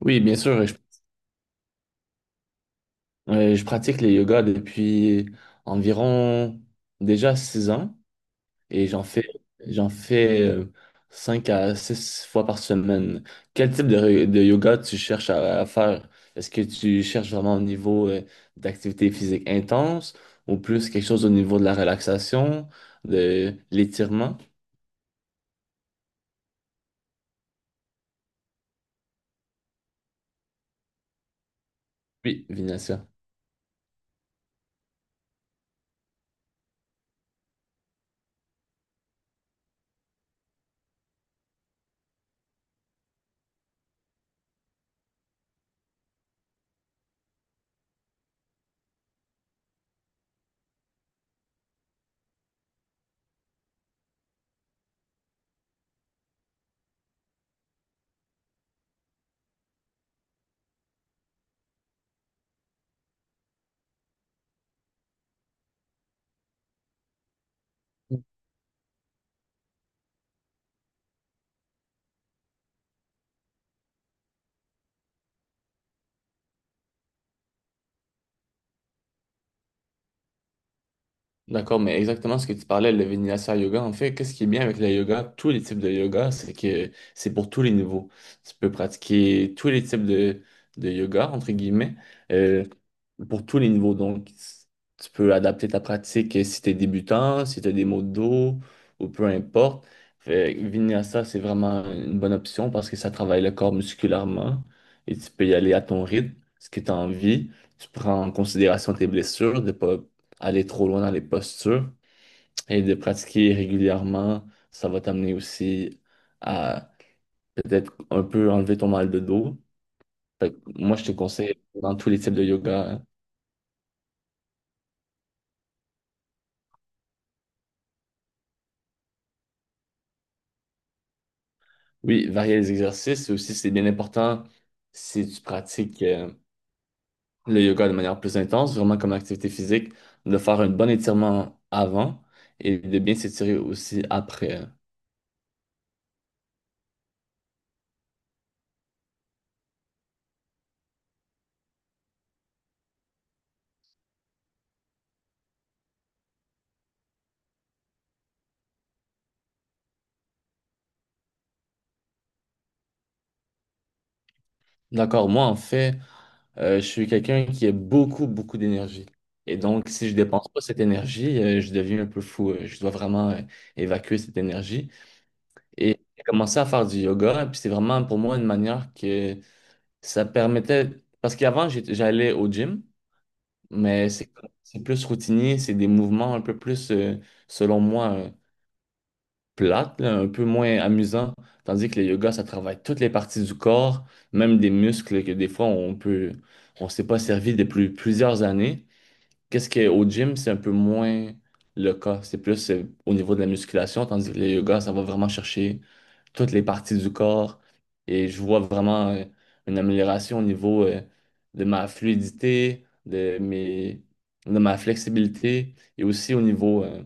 Oui, bien sûr. Je pratique le yoga depuis environ déjà 6 ans et j'en fais 5 à 6 fois par semaine. Quel type de yoga tu cherches à faire? Est-ce que tu cherches vraiment au niveau d'activité physique intense ou plus quelque chose au niveau de la relaxation, de l'étirement? Oui, Vinacia. D'accord, mais exactement ce que tu parlais, le Vinyasa Yoga, en fait, qu'est-ce qui est bien avec le yoga, tous les types de yoga, c'est que c'est pour tous les niveaux. Tu peux pratiquer tous les types de yoga, entre guillemets, euh, pour tous les niveaux. Donc, tu peux adapter ta pratique si tu es débutant, si tu as des maux de dos, ou peu importe. Fait que Vinyasa, c'est vraiment une bonne option parce que ça travaille le corps musculairement et tu peux y aller à ton rythme, ce que tu as envie. Tu prends en considération tes blessures, de ne pas aller trop loin dans les postures et de pratiquer régulièrement, ça va t'amener aussi à peut-être un peu enlever ton mal de dos. Fait que moi, je te conseille dans tous les types de yoga, hein. Oui, varier les exercices et aussi, c'est bien important si tu pratiques le yoga de manière plus intense, vraiment comme activité physique, de faire un bon étirement avant et de bien s'étirer aussi après. D'accord, moi, en fait. Je suis quelqu'un qui a beaucoup, beaucoup d'énergie. Et donc, si je dépense pas cette énergie, je deviens un peu fou. Je dois vraiment évacuer cette énergie. Et j'ai commencé à faire du yoga. Puis c'est vraiment pour moi une manière que ça permettait... Parce qu'avant, j'allais au gym, mais c'est plus routinier. C'est des mouvements un peu plus, selon moi, plates, là, un peu moins amusants. Tandis que le yoga, ça travaille toutes les parties du corps, même des muscles que des fois, on peut... On s'est pas servi depuis plusieurs années. Qu'est-ce que au gym, c'est un peu moins le cas. C'est plus au niveau de la musculation, tandis que le yoga, ça va vraiment chercher toutes les parties du corps. Et je vois vraiment une amélioration au niveau de ma fluidité, de ma flexibilité et aussi au niveau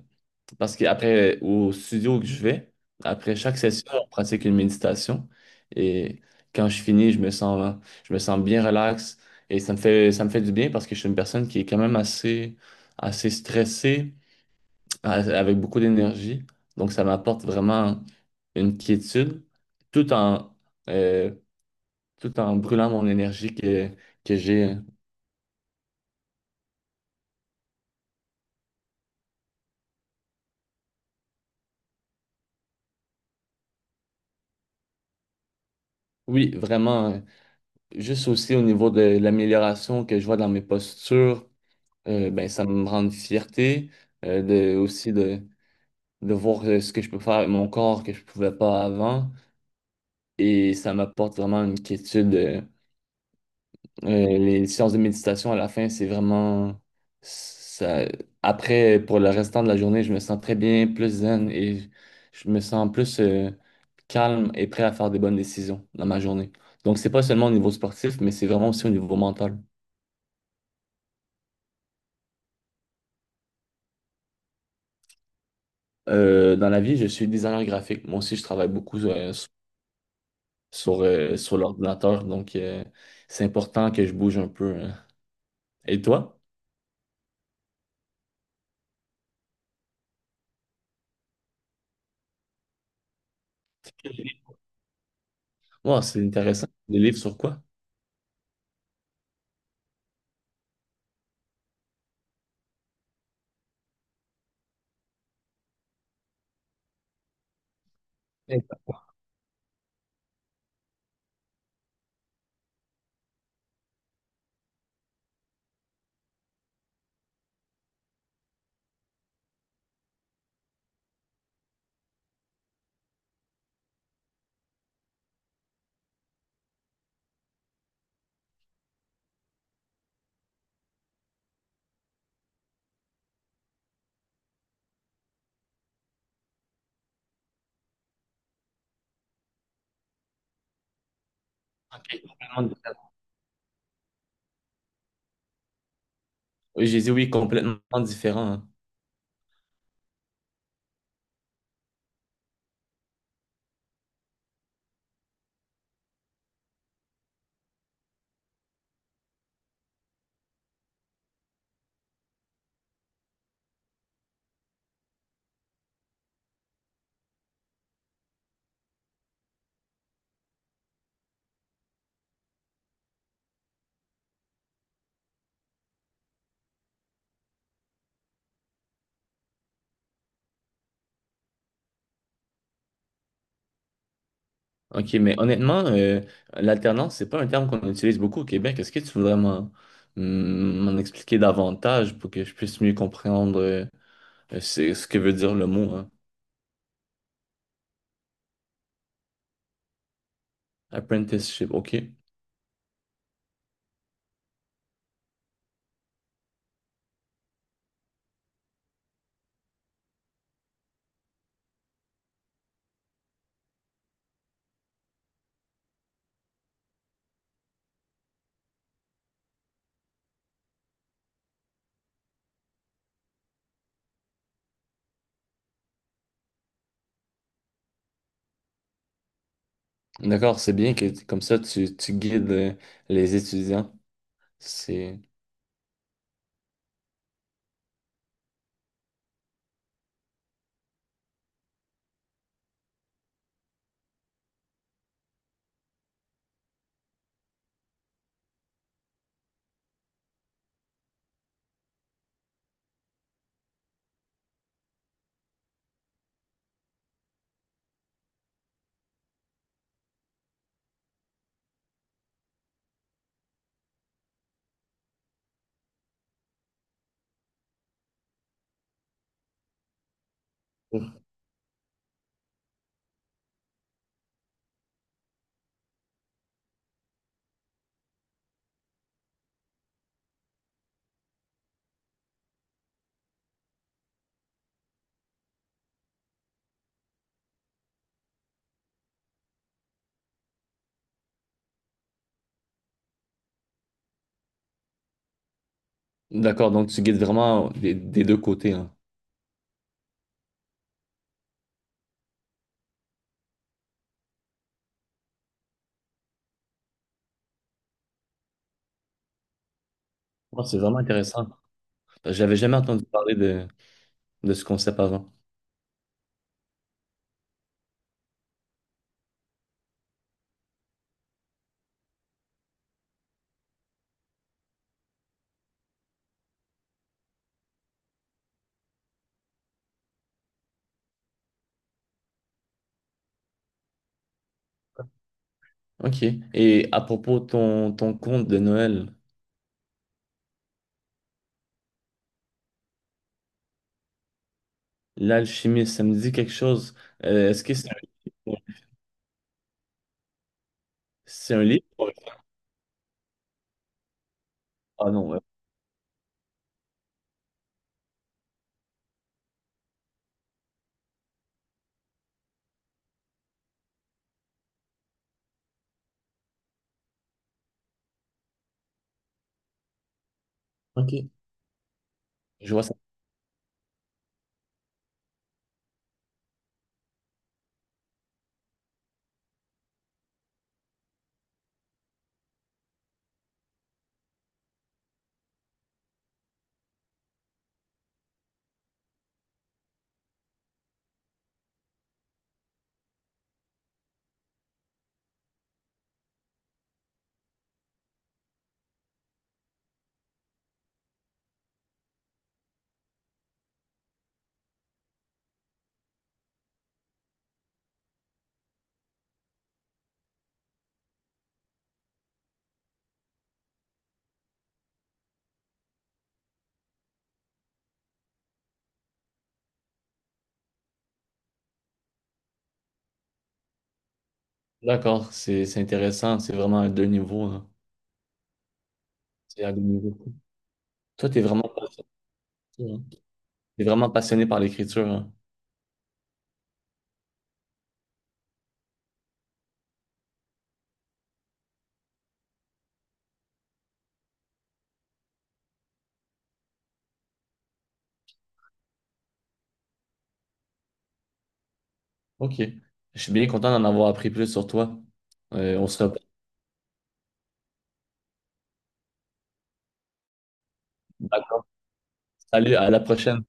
parce qu'après, au studio que je vais, après chaque session, on pratique une méditation. Et quand je finis, je me sens bien relax. Et ça me fait du bien parce que je suis une personne qui est quand même assez, assez stressée, a- avec beaucoup d'énergie. Donc, ça m'apporte vraiment une quiétude tout en, euh, tout en brûlant mon énergie que j'ai. Oui, vraiment, juste aussi au niveau de l'amélioration que je vois dans mes postures. Ben, ça me rend une fierté euh, de, aussi de, de voir ce que je peux faire avec mon corps que je pouvais pas avant. Et ça m'apporte vraiment une quiétude. Euh, les séances de méditation à la fin, c'est vraiment... Ça... Après, pour le restant de la journée, je me sens très bien, plus zen et je me sens plus calme et prêt à faire des bonnes décisions dans ma journée. Donc, c'est pas seulement au niveau sportif, mais c'est vraiment aussi au niveau mental. Dans la vie, je suis designer graphique. Moi aussi, je travaille beaucoup sur l'ordinateur. Donc, c'est important que je bouge un peu, hein. Et toi? Wow, c'est intéressant. Des livres sur quoi? Ok, complètement différent. Oui, j'ai dit oui, complètement différent, hein. OK, mais honnêtement, l'alternance, c'est pas un terme qu'on utilise beaucoup au Québec. Est-ce que tu voudrais m'en expliquer davantage pour que je puisse mieux comprendre ce que veut dire le mot, hein? Apprenticeship, OK. D'accord, c'est bien que comme ça, tu guides les étudiants. C'est... D'accord, donc tu guides vraiment des deux côtés, hein. Oh, c'est vraiment intéressant. J'avais jamais entendu parler de ce concept avant. OK. Et à propos de ton conte de Noël, L'Alchimiste, ça me dit quelque chose. Est-ce que c'est un, C'est un livre? Ah non, ouais. OK. Je vois ça. D'accord, c'est intéressant. C'est vraiment à deux niveaux, hein. C'est à deux niveaux. Toi, t'es vraiment, passionné, hein. T'es vraiment passionné par l'écriture, hein. OK. Je suis bien content d'en avoir appris plus sur toi. On se reprend. Salut, à la prochaine.